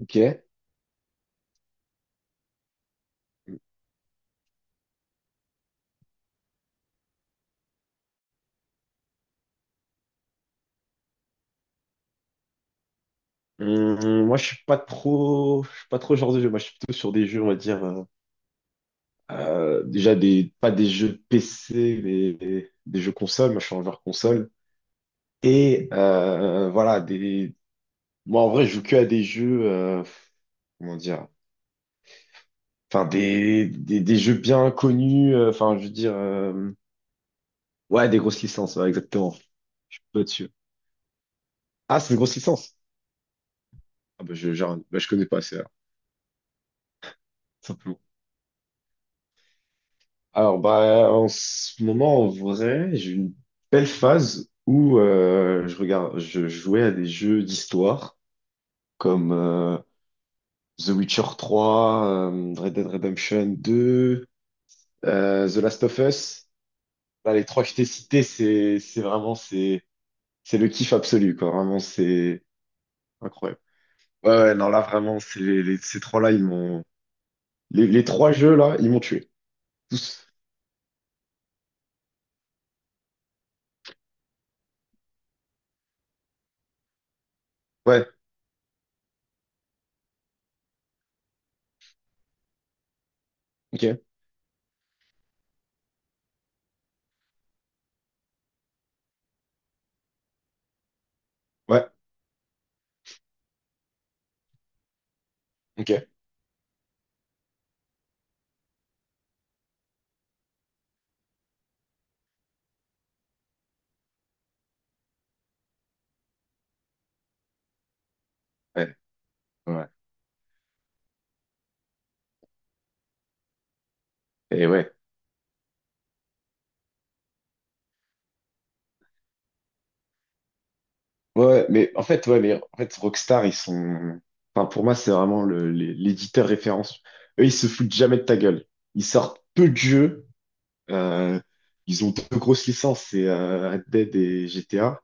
Ok. Moi, je suis pas trop, je suis pas trop genre de jeu. Moi, je suis plutôt sur des jeux, on va dire, déjà pas des jeux PC, mais des jeux console. Moi, je suis un joueur console. Et voilà, des. Moi, en vrai, je joue que à des jeux, comment dire, enfin des jeux bien connus. Enfin, je veux dire, ouais, des grosses licences, ouais, exactement. Je suis pas dessus. Ah, c'est une grosse licence. Ah bah, je, genre, bah, je connais pas, c'est tout. Alors, bah, en ce moment, en vrai, j'ai eu une belle phase où je jouais à des jeux d'histoire comme The Witcher 3, Red Dead Redemption 2, The Last of Us. Bah, les trois que je t'ai cités, c'est vraiment, c'est le kiff absolu, quoi. Vraiment, c'est incroyable. Ouais, non, là, vraiment, ces trois-là, les trois jeux, là, ils m'ont tué. Tous. Ouais, ok, ouais, ok, ouais, ouais. Et ouais. Ouais, mais en fait, ouais, mais en fait, Rockstar, ils sont. Enfin, pour moi, c'est vraiment l'éditeur référence. Eux, ils se foutent jamais de ta gueule. Ils sortent peu de jeux. euh, Ils ont deux grosses licences, c'est Red Dead et GTA.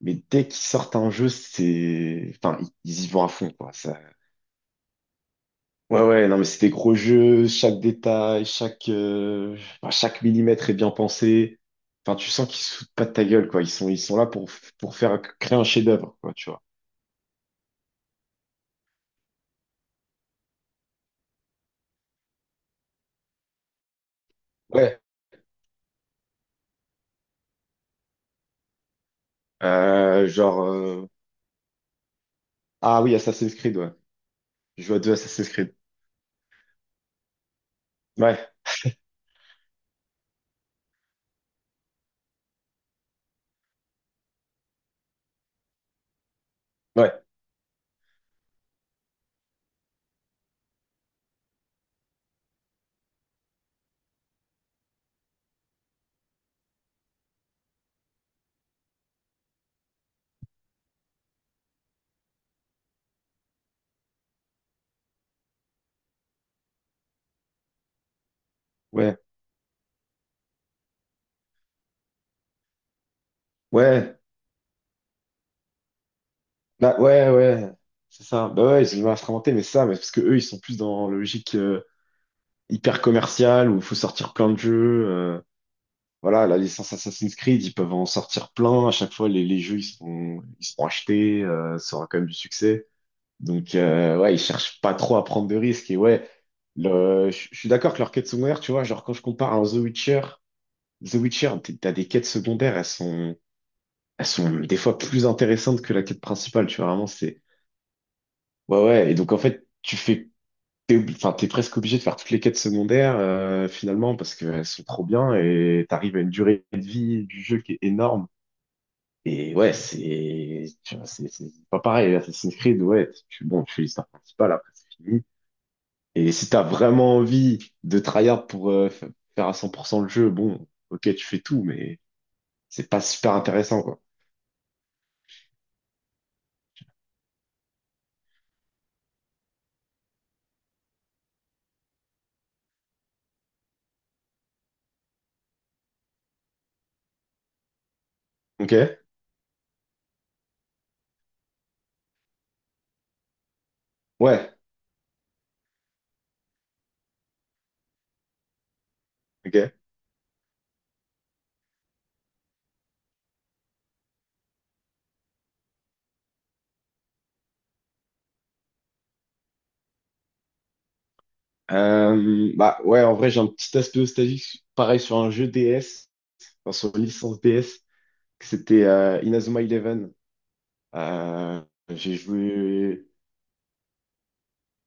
Mais dès qu'ils sortent un jeu, c'est. Enfin, ils y vont à fond, quoi. Ça... Ouais, ouais, non, mais c'est des gros jeux. Chaque détail, enfin, chaque millimètre est bien pensé. Enfin, tu sens qu'ils se foutent pas de ta gueule, quoi. Ils sont là pour faire créer un chef-d'œuvre, quoi, tu vois. Ouais. Euh, genre, euh, ah oui, Assassin's Creed, ouais. Je joue à deux Assassin's Creed. Ouais, ouais, ouais, ouais. Bah, ouais, ouais, c'est ça. Bah ouais, ils ont instrumenté, mais ça, mais parce que eux, ils sont plus dans la logique hyper commerciale où il faut sortir plein de jeux. Voilà, la licence Assassin's Creed, ils peuvent en sortir plein. À chaque fois, les jeux, ils sont achetés, ça aura quand même du succès. Donc, ouais, ils cherchent pas trop à prendre de risques. Et ouais, je suis d'accord que leur quête sommaire, tu vois, genre quand je compare à un The Witcher, The Witcher, t'as des quêtes secondaires, elles sont des fois plus intéressantes que la quête principale, tu vois, vraiment, c'est... Ouais, ouais, et donc en fait, tu fais... enfin, t'es presque obligé de faire toutes les quêtes secondaires, finalement, parce qu'elles sont trop bien, et t'arrives à une durée de vie du jeu qui est énorme. Et ouais, c'est... tu vois, c'est pas pareil, Assassin's Creed, ouais, tu, bon, tu fais l'histoire principale, après c'est fini. Et si t'as vraiment envie de tryhard pour faire à 100% le jeu, bon, ok, tu fais tout, mais c'est pas super intéressant, quoi. Ok? Ouais, ok. Bah ouais, en vrai, j'ai un petit aspect nostalgique, pareil sur un jeu DS, enfin, sur une licence DS, que c'était Inazuma Eleven. Euh, j'ai joué.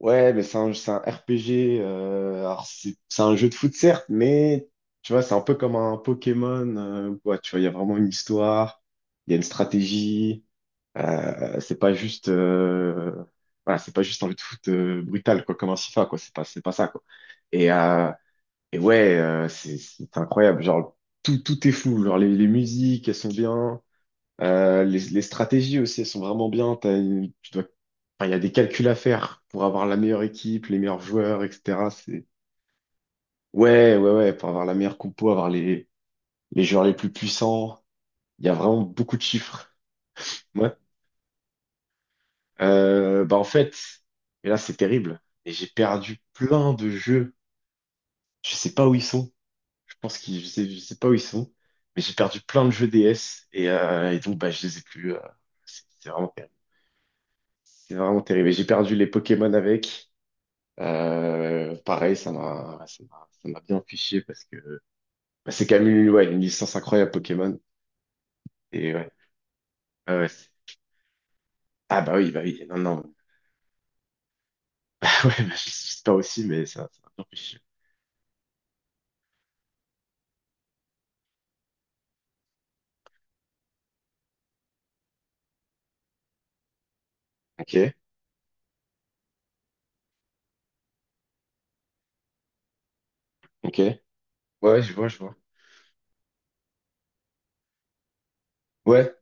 Ouais, mais c'est un RPG. Alors, c'est un jeu de foot, certes, mais tu vois, c'est un peu comme un Pokémon. Ouais, tu vois, il y a vraiment une histoire, il y a une stratégie. C'est pas juste. Voilà, c'est pas juste un jeu de foot brutal, quoi, comme un FIFA, quoi. C'est pas ça, quoi. Et, euh, Et ouais, c'est incroyable. Genre, tout est fou. Genre, les musiques, elles sont bien. Les stratégies aussi, elles sont vraiment bien. Tu dois, enfin, il y a des calculs à faire pour avoir la meilleure équipe, les meilleurs joueurs, etc. C'est, ouais, ouais, ouais, pour avoir la meilleure compo, avoir les joueurs les plus puissants. Il y a vraiment beaucoup de chiffres. Ouais. Bah, en fait, et là, c'est terrible. Et j'ai perdu plein de jeux. Je sais pas où ils sont. Je pense je sais pas où ils sont, mais j'ai perdu plein de jeux DS et donc bah, je les ai plus. C'est vraiment terrible. C'est vraiment terrible. Et j'ai perdu les Pokémon avec. Pareil, ça m'a bien fiché parce que bah, c'est quand même ouais, une licence incroyable Pokémon. Et ouais, ouais, ouais, c'est- ah bah oui, non, non. Ah ouais, bah, j'espère aussi, mais ça m'a bien fiché. Ok, ok. Ouais, je vois, je vois. Ouais.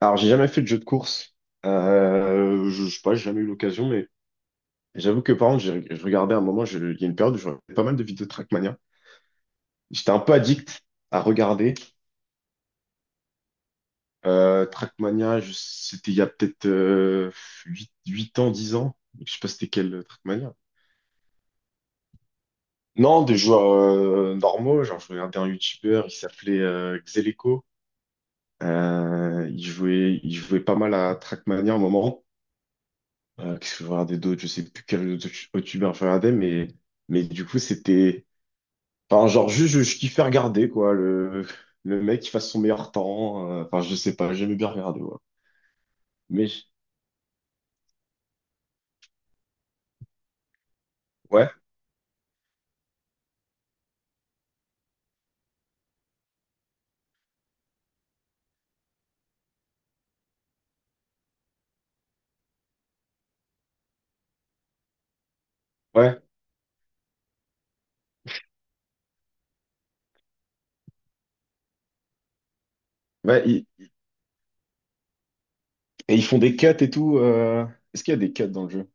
Alors j'ai jamais fait de jeu de course. Je sais pas, j'ai jamais eu l'occasion, mais j'avoue que par contre, je regardais à un moment, il y a une période où je regardais pas mal de vidéos de Trackmania. J'étais un peu addict à regarder. Trackmania, c'était il y a peut-être 8 8 ans, 10 ans. Je sais pas c'était quel Trackmania. Non, des joueurs normaux. Genre, je regardais un YouTuber, il s'appelait Xeleco. Il jouait pas mal à Trackmania à un moment. Qu'est-ce que je regardais d'autres? Je sais plus quel autre YouTuber je regardais, mais du coup, c'était. Enfin, genre, juste, je kiffais regarder, quoi. Le mec qui fasse son meilleur temps. Enfin, je sais pas, j'aimais bien regarder, ouais. Mais, je- ouais, ouais, ouais. Et ils font des cuts et tout. Est-ce qu'il y a des cuts dans le jeu?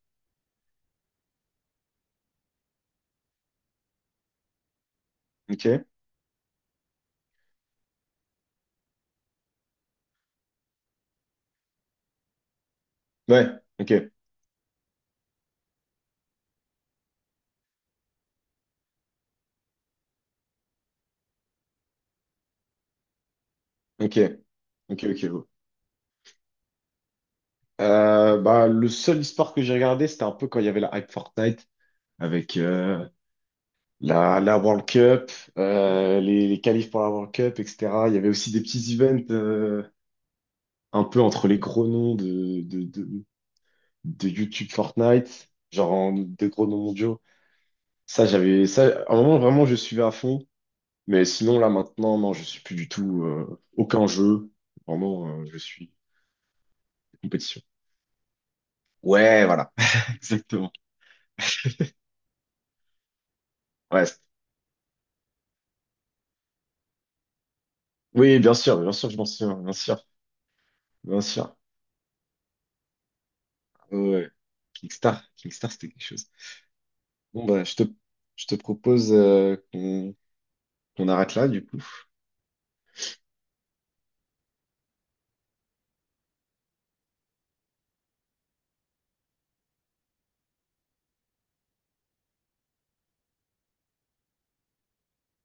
Ok. Ouais, ok, ok, ok, ok. ouais. Bah, le seul e-sport que j'ai regardé, c'était un peu quand il y avait la hype Fortnite avec la, la World Cup, les qualifs pour la World Cup, etc. Il y avait aussi des petits events un peu entre les gros noms de YouTube Fortnite, des gros noms mondiaux. Ça, j'avais ça. À un moment, vraiment, je suivais à fond. Mais sinon, là, maintenant, non, je suis plus du tout aucun jeu. Vraiment, je suis compétition. Ouais, voilà, exactement. Ouais. c'est- Oui, bien sûr, je m'en souviens, bien sûr, bien sûr. Ouais. ouais. Kickstar, Kickstar, c'était quelque chose. Bon, bah, je te propose qu'on arrête là, du coup.